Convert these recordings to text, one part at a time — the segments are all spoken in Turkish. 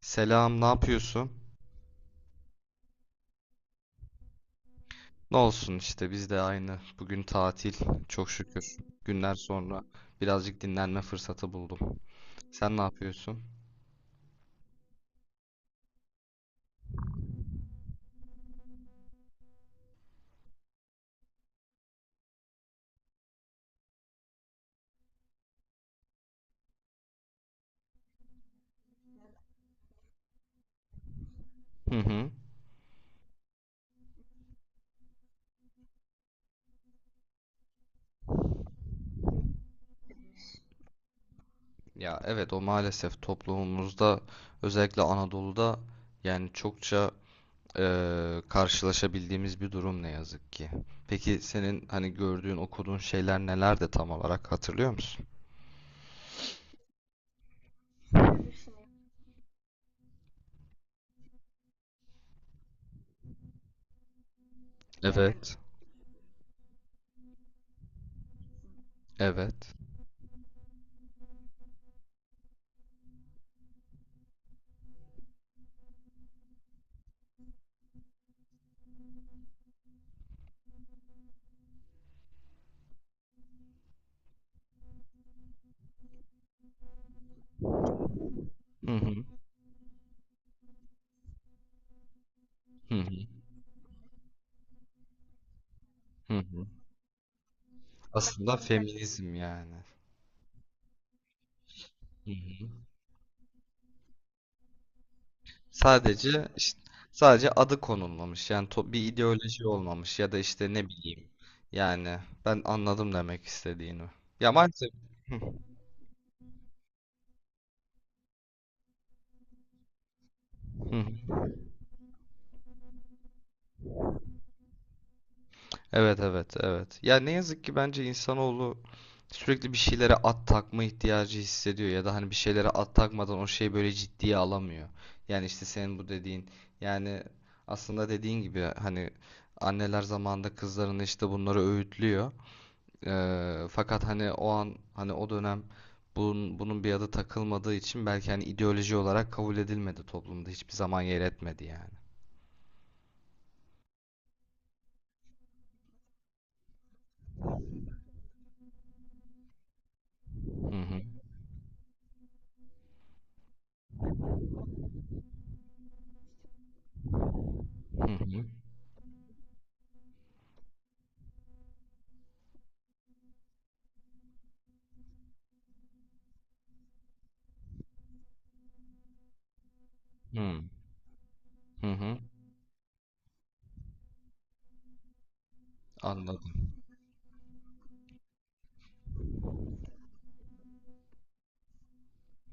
Selam, ne yapıyorsun? Ne olsun işte biz de aynı. Bugün tatil, çok şükür. Günler sonra birazcık dinlenme fırsatı buldum. Sen ne yapıyorsun? Hı hı. Ya evet, o maalesef toplumumuzda, özellikle Anadolu'da, yani çokça karşılaşabildiğimiz bir durum ne yazık ki. Peki senin hani gördüğün, okuduğun şeyler neler de tam olarak hatırlıyor musun? Evet. Evet. Hı hı. Hı hı. Hı hı. Aslında feminizm yani. Sadece işte, sadece adı konulmamış. Yani bir ideoloji olmamış ya da işte ne bileyim. Yani ben anladım demek istediğini. Ya maalesef. Hı, hı. Evet evet evet. Ya ne yazık ki, bence insanoğlu sürekli bir şeylere at takma ihtiyacı hissediyor ya da hani bir şeylere at takmadan o şeyi böyle ciddiye alamıyor. Yani işte senin bu dediğin, yani aslında dediğin gibi hani anneler zamanında kızlarını işte bunları öğütlüyor. Fakat hani o an, hani o dönem bunun bir adı takılmadığı için belki hani ideoloji olarak kabul edilmedi, toplumda hiçbir zaman yer etmedi yani. Hı hı hı hı hı hı hı. Anladım.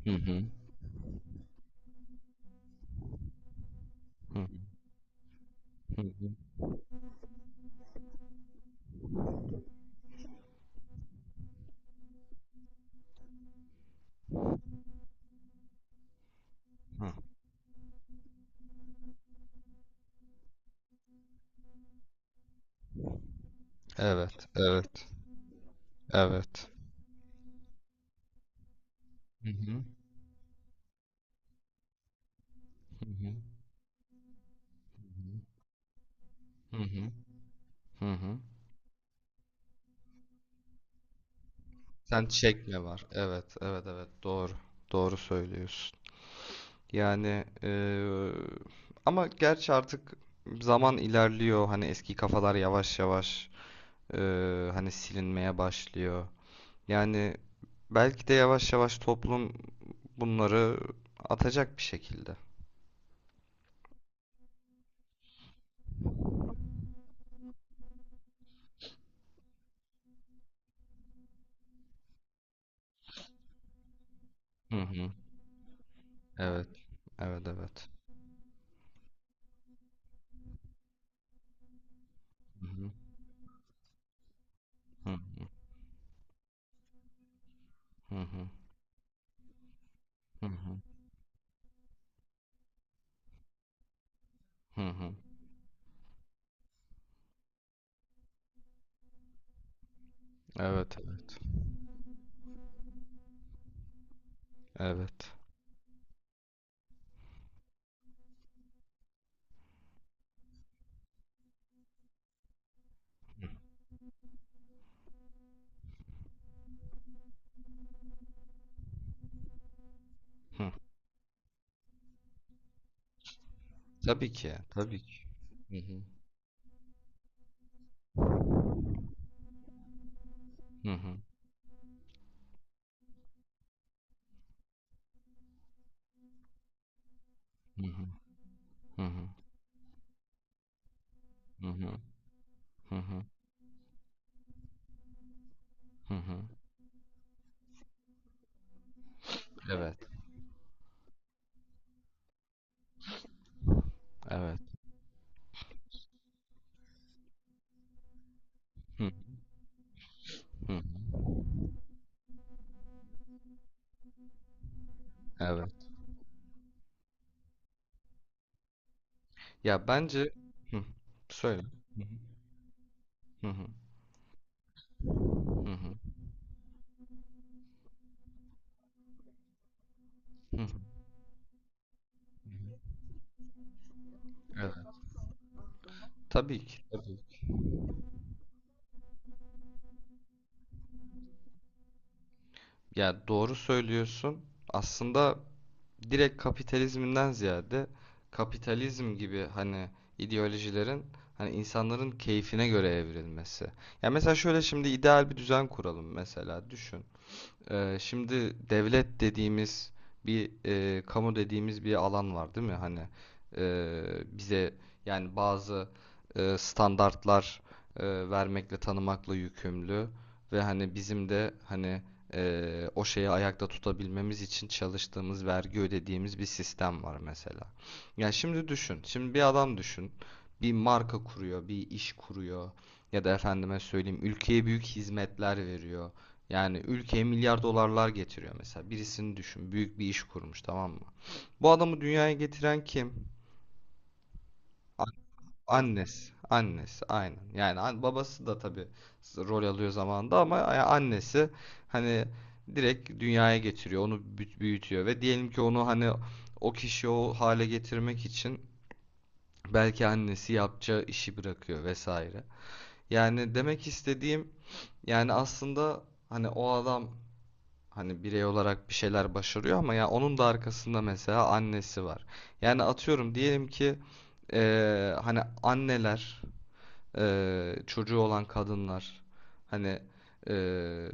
Hı hı hı hı hı. Hı. Evet evet evet. Hı hı hı hı hı hı hı. Hı. Sen çekme var. Evet evet evet, doğru doğru söylüyorsun. Yani ama gerçi artık zaman ilerliyor. Hani eski kafalar yavaş yavaş hani silinmeye başlıyor. Yani belki de yavaş yavaş toplum bunları atacak bir şekilde. Hı hı. Evet, evet, evet. Hı hı. Hı hı. Hı hı. Hı hı. Hı hı. Evet, evet. Evet. Hı. Tabii ki, tabii ki. Hı hı. Hı hı. Hı hı. Hı hı. Hı hı. Hı hı. Hı hı. Evet, evet. Hı hı. Evet. Ya bence. Hı, söyle. Hı hı, hı hı, hı hı. Evet. Tabii ki. Ya doğru söylüyorsun. Aslında direkt kapitalizminden ziyade, kapitalizm gibi hani ideolojilerin hani insanların keyfine göre evrilmesi. Ya mesela şöyle, şimdi ideal bir düzen kuralım mesela, düşün. Şimdi devlet dediğimiz, bir e, kamu dediğimiz bir alan var değil mi? Hani e, bize, yani bazı e, standartlar e, vermekle tanımakla yükümlü ve hani bizim de hani e, o şeyi ayakta tutabilmemiz için çalıştığımız, vergi ödediğimiz bir sistem var mesela. Yani şimdi düşün. Şimdi bir adam düşün. Bir marka kuruyor, bir iş kuruyor ya da efendime söyleyeyim, ülkeye büyük hizmetler veriyor. Yani ülkeye milyar dolarlar getiriyor mesela. Birisini düşün. Büyük bir iş kurmuş, tamam mı? Bu adamı dünyaya getiren kim? A- Annesi. Annesi aynen. Yani babası da tabii rol alıyor zamanında ama annesi hani direkt dünyaya getiriyor. Onu büyütüyor ve diyelim ki onu hani o kişi o hale getirmek için belki annesi yapacağı işi bırakıyor vesaire. Yani demek istediğim, yani aslında hani o adam hani birey olarak bir şeyler başarıyor, ama ya onun da arkasında mesela annesi var. Yani atıyorum, diyelim ki hani anneler, çocuğu olan kadınlar hani eee,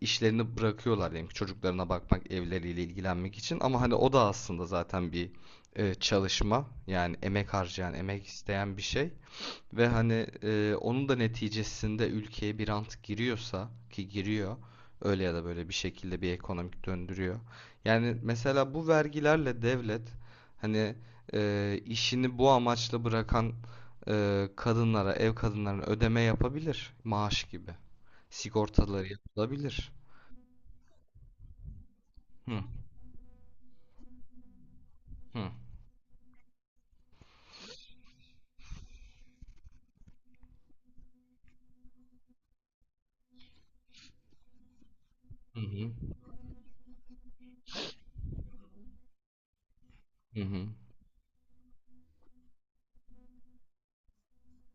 işlerini bırakıyorlar diyelim ki, çocuklarına bakmak, evleriyle ilgilenmek için, ama hani o da aslında zaten bir çalışma, yani emek harcayan, emek isteyen bir şey. Ve hani e, onun da neticesinde ülkeye bir rant giriyorsa ki giriyor, öyle ya da böyle bir şekilde bir ekonomik döndürüyor. Yani mesela bu vergilerle devlet hani e, işini bu amaçla bırakan e, kadınlara, ev kadınlarına ödeme yapabilir, maaş gibi. Sigortaları yapılabilir. Hı hı hı hı hı hı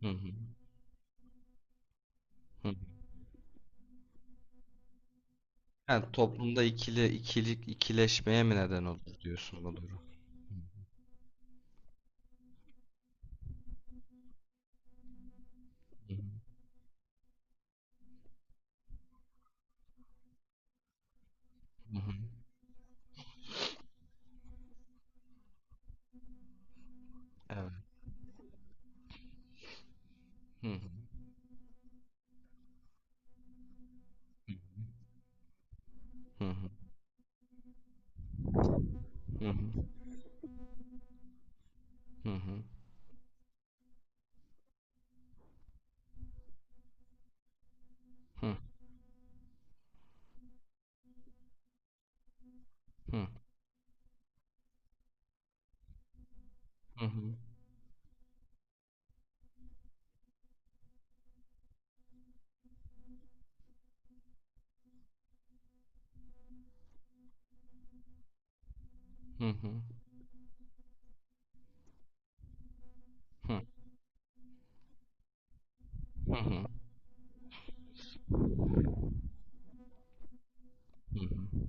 hı hı. Yani toplumda ikili ikilik ikileşmeye mi neden olur diyorsun bu durum? Hı hı. Hı hı. Evet. Hı hı. Hı hı. Hı hı. Hı hı. Hı hı. Hı hı. Hı hı. Hı. Hı hı. Hı hı.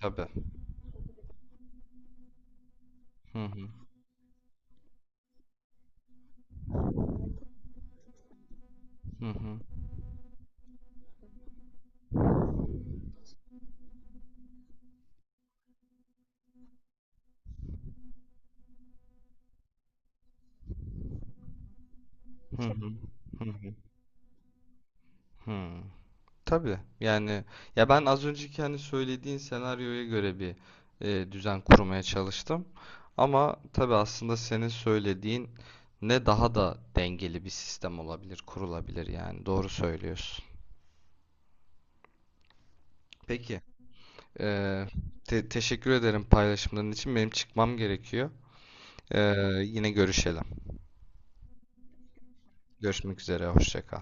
Tabii. Hı hı. Hı hı. Hı hı. Hı hı. Hı. Tabii. Yani ya, ben az önceki hani söylediğin senaryoya göre bir e, düzen kurmaya çalıştım. Ama tabii aslında senin söylediğin ne daha da dengeli bir sistem olabilir, kurulabilir yani. Doğru söylüyorsun. Peki. Ee, teşekkür ederim paylaşımların için. Benim çıkmam gerekiyor. Ee, yine görüşelim. Görüşmek üzere, hoşça kal.